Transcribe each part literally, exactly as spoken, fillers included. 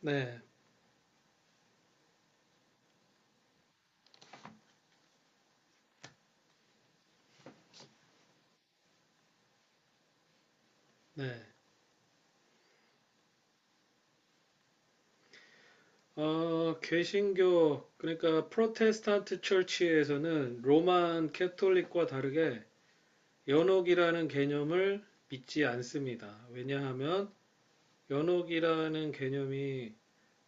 네, 네. 어, 개신교, 그러니까 프로테스탄트 처치에서는 로만 캐톨릭과 다르게 연옥이라는 개념을 믿지 않습니다. 왜냐하면 연옥이라는 개념이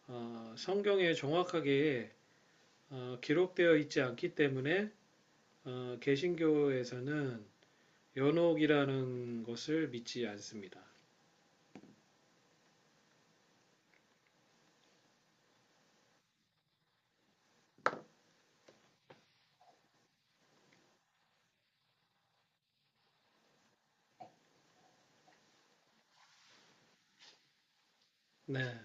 어, 성경에 정확하게 어, 기록되어 있지 않기 때문에 어, 개신교에서는 연옥이라는 것을 믿지 않습니다. 네,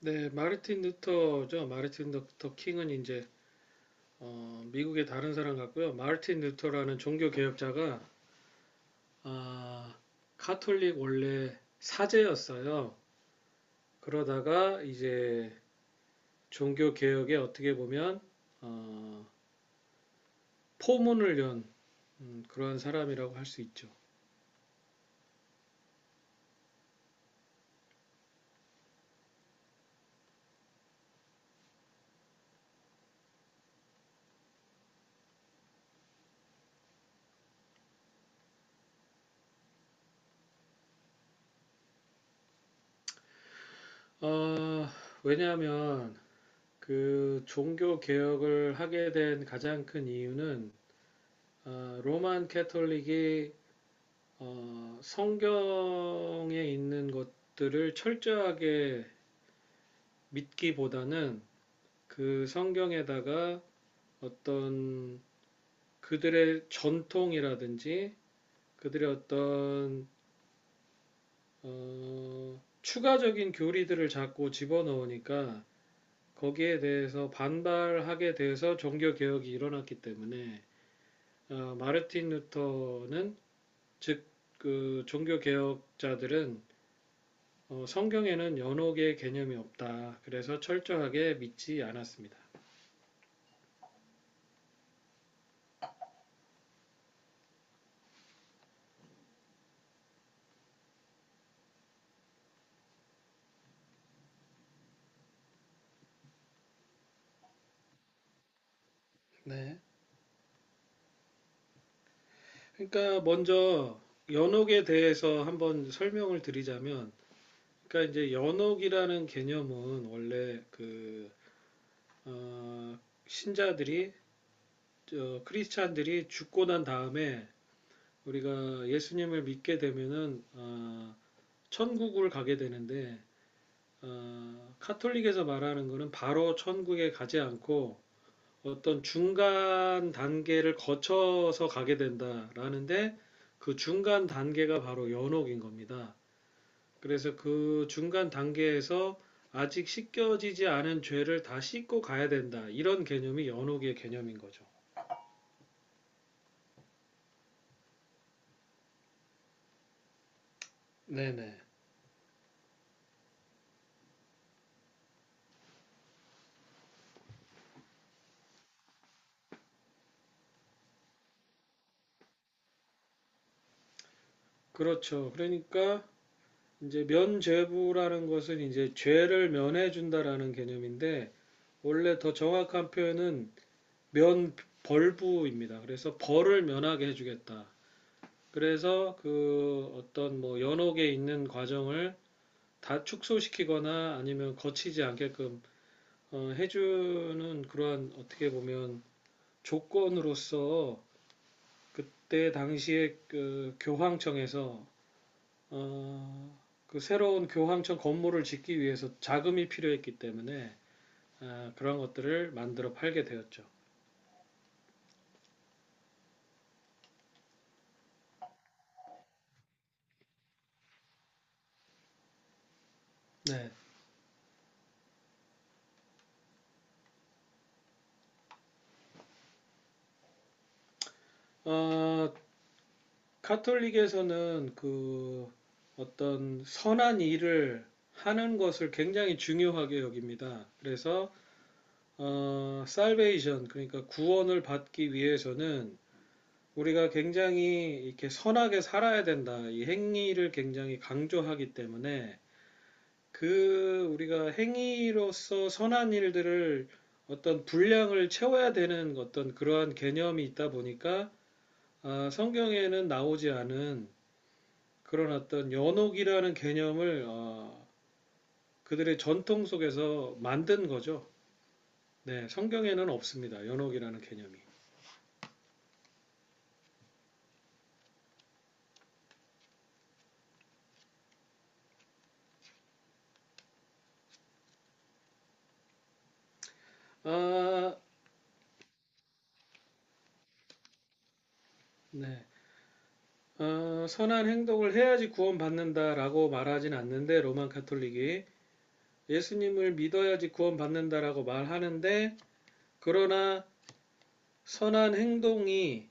네, 마르틴 루터죠. 마르틴 루터 킹은 이제 어, 미국의 다른 사람 같고요. 마르틴 루터라는 종교 개혁자가 아, 카톨릭 원래 사제였어요. 그러다가 이제 종교 개혁에 어떻게 보면 어, 포문을 연 음, 그러한 사람이라고 할 수 있죠. 어, 왜냐하면 그 종교 개혁을 하게 된 가장 큰 이유는 어, 로만 캐톨릭이 어, 성경에 있는 것들을 철저하게 믿기보다는 그 성경에다가 어떤 그들의 전통이라든지 그들의 어떤 어, 추가적인 교리들을 자꾸 집어넣으니까 거기에 대해서 반발하게 돼서 종교 개혁이 일어났기 때문에 어, 마르틴 루터는 즉 그 종교 개혁자들은 어, 성경에는 연옥의 개념이 없다. 그래서 철저하게 믿지 않았습니다. 네. 그러니까 먼저 연옥에 대해서 한번 설명을 드리자면, 그러니까 이제 연옥이라는 개념은 원래 그 어, 신자들이 어, 크리스찬들이 죽고 난 다음에 우리가 예수님을 믿게 되면은 어, 천국을 가게 되는데 어, 카톨릭에서 말하는 거는 바로 천국에 가지 않고 어떤 중간 단계를 거쳐서 가게 된다라는데 그 중간 단계가 바로 연옥인 겁니다. 그래서 그 중간 단계에서 아직 씻겨지지 않은 죄를 다 씻고 가야 된다. 이런 개념이 연옥의 개념인 거죠. 네네. 그렇죠. 그러니까 이제 면죄부라는 것은 이제 죄를 면해준다라는 개념인데 원래 더 정확한 표현은 면벌부입니다. 그래서 벌을 면하게 해주겠다. 그래서 그 어떤 뭐 연옥에 있는 과정을 다 축소시키거나 아니면 거치지 않게끔 어, 해주는 그러한 어떻게 보면 조건으로서 그때 당시에 그 교황청에서 어, 그 새로운 교황청 건물을 짓기 위해서 자금이 필요했기 때문에 아, 그런 것들을 만들어 팔게 되었죠. 네. 어, 카톨릭에서는 그 어떤 선한 일을 하는 것을 굉장히 중요하게 여깁니다. 그래서 어, 살베이션 그러니까 구원을 받기 위해서는 우리가 굉장히 이렇게 선하게 살아야 된다. 이 행위를 굉장히 강조하기 때문에 그 우리가 행위로서 선한 일들을 어떤 분량을 채워야 되는 어떤 그러한 개념이 있다 보니까 아, 성경에는 나오지 않은 그런 어떤 연옥이라는 개념을 어, 그들의 전통 속에서 만든 거죠. 네, 성경에는 없습니다. 연옥이라는 개념이. 아, 네. 어, 선한 행동을 해야지 구원받는다라고 말하진 않는데 로만 카톨릭이 예수님을 믿어야지 구원받는다라고 말하는데 그러나 선한 행동이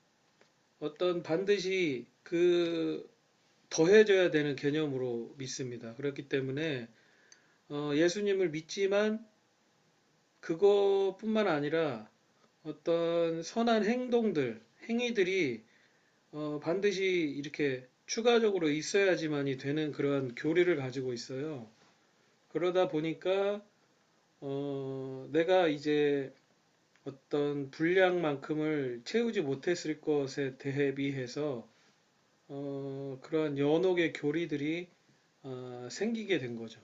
어떤 반드시 그 더해져야 되는 개념으로 믿습니다. 그렇기 때문에 어, 예수님을 믿지만 그것뿐만 아니라 어떤 선한 행동들, 행위들이 어, 반드시 이렇게 추가적으로 있어야지만이 되는 그런 교리를 가지고 있어요. 그러다 보니까 어, 내가 이제 어떤 분량만큼을 채우지 못했을 것에 대비해서 어, 그런 연옥의 교리들이 어, 생기게 된 거죠.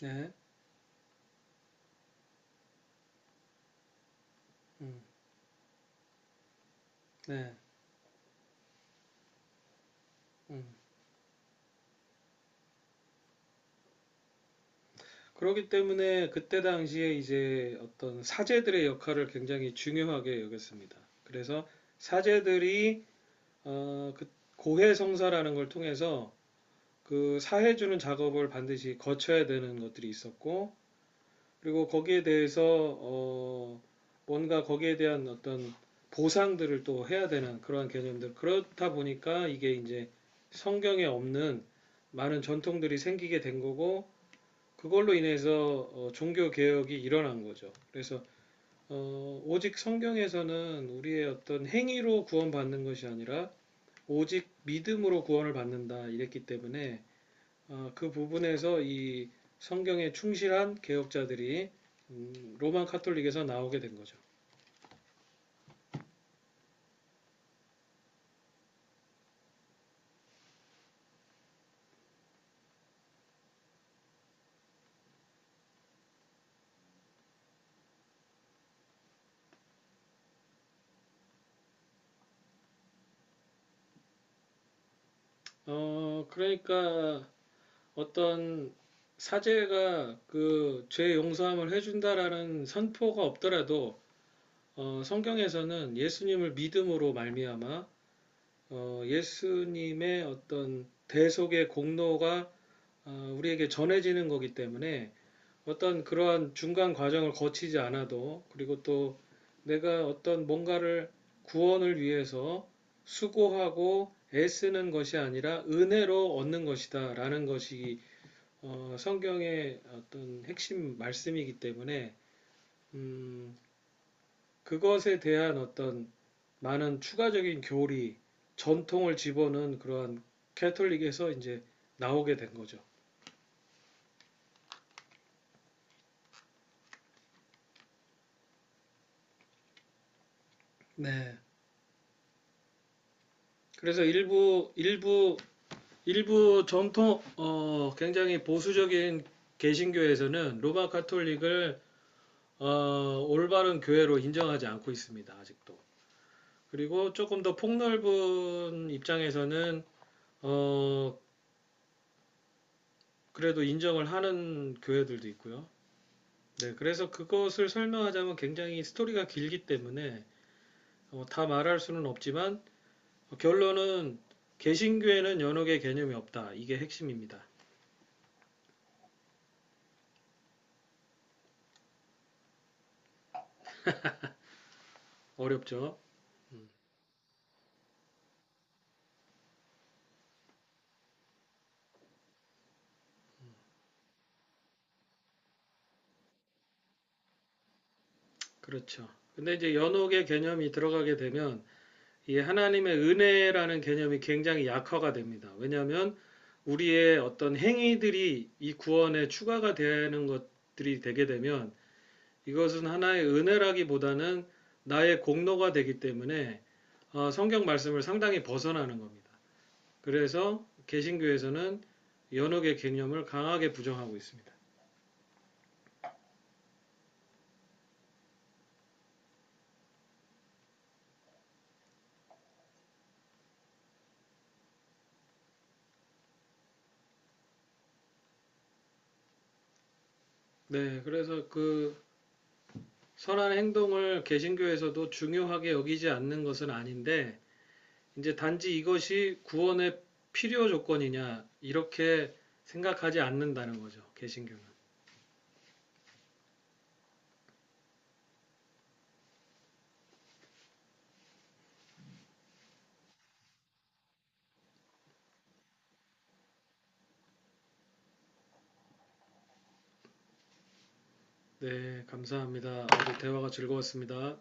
네, 음, 네, 음. 그렇기 때문에 그때 당시에 이제 어떤 사제들의 역할을 굉장히 중요하게 여겼습니다. 그래서 사제들이 어, 그 고해 성사라는 걸 통해서 그 사해주는 작업을 반드시 거쳐야 되는 것들이 있었고 그리고 거기에 대해서 어, 뭔가 거기에 대한 어떤 보상들을 또 해야 되는 그러한 개념들 그렇다 보니까 이게 이제 성경에 없는 많은 전통들이 생기게 된 거고 그걸로 인해서 어, 종교 개혁이 일어난 거죠. 그래서 어, 오직 성경에서는 우리의 어떤 행위로 구원받는 것이 아니라 오직 믿음으로 구원을 받는다 이랬기 때문에 어, 그 부분에서 이 성경에 충실한 개혁자들이 음, 로마 카톨릭에서 나오게 된 거죠. 어, 그러니까 어떤 사제가 그 죄 용서함을 해준다라는 선포가 없더라도 어, 성경에서는 예수님을 믿음으로 말미암아 어, 예수님의 어떤 대속의 공로가 어, 우리에게 전해지는 거기 때문에 어떤 그러한 중간 과정을 거치지 않아도 그리고 또 내가 어떤 뭔가를 구원을 위해서 수고하고 애쓰는 것이 아니라 은혜로 얻는 것이다라는 것이 어, 성경의 어떤 핵심 말씀이기 때문에 음, 그것에 대한 어떤 많은 추가적인 교리, 전통을 집어넣은 그러한 캐톨릭에서 이제 나오게 된 거죠. 네. 그래서 일부 일부 일부 전통 어 굉장히 보수적인 개신교에서는 로마 카톨릭을 어 올바른 교회로 인정하지 않고 있습니다. 아직도. 그리고 조금 더 폭넓은 입장에서는 어 그래도 인정을 하는 교회들도 있고요. 네, 그래서 그것을 설명하자면 굉장히 스토리가 길기 때문에 어, 다 말할 수는 없지만 어, 결론은 개신교에는 연옥의 개념이 없다. 이게 핵심입니다. 어렵죠? 그렇죠. 근데 이제 연옥의 개념이 들어가게 되면 이 하나님의 은혜라는 개념이 굉장히 약화가 됩니다. 왜냐하면 우리의 어떤 행위들이 이 구원에 추가가 되는 것들이 되게 되면 이것은 하나의 은혜라기보다는 나의 공로가 되기 때문에 어, 성경 말씀을 상당히 벗어나는 겁니다. 그래서 개신교에서는 연옥의 개념을 강하게 부정하고 있습니다. 네, 그래서 그 선한 행동을 개신교에서도 중요하게 여기지 않는 것은 아닌데 이제 단지 이것이 구원의 필요 조건이냐 이렇게 생각하지 않는다는 거죠. 개신교는. 네, 감사합니다. 오늘 대화가 즐거웠습니다.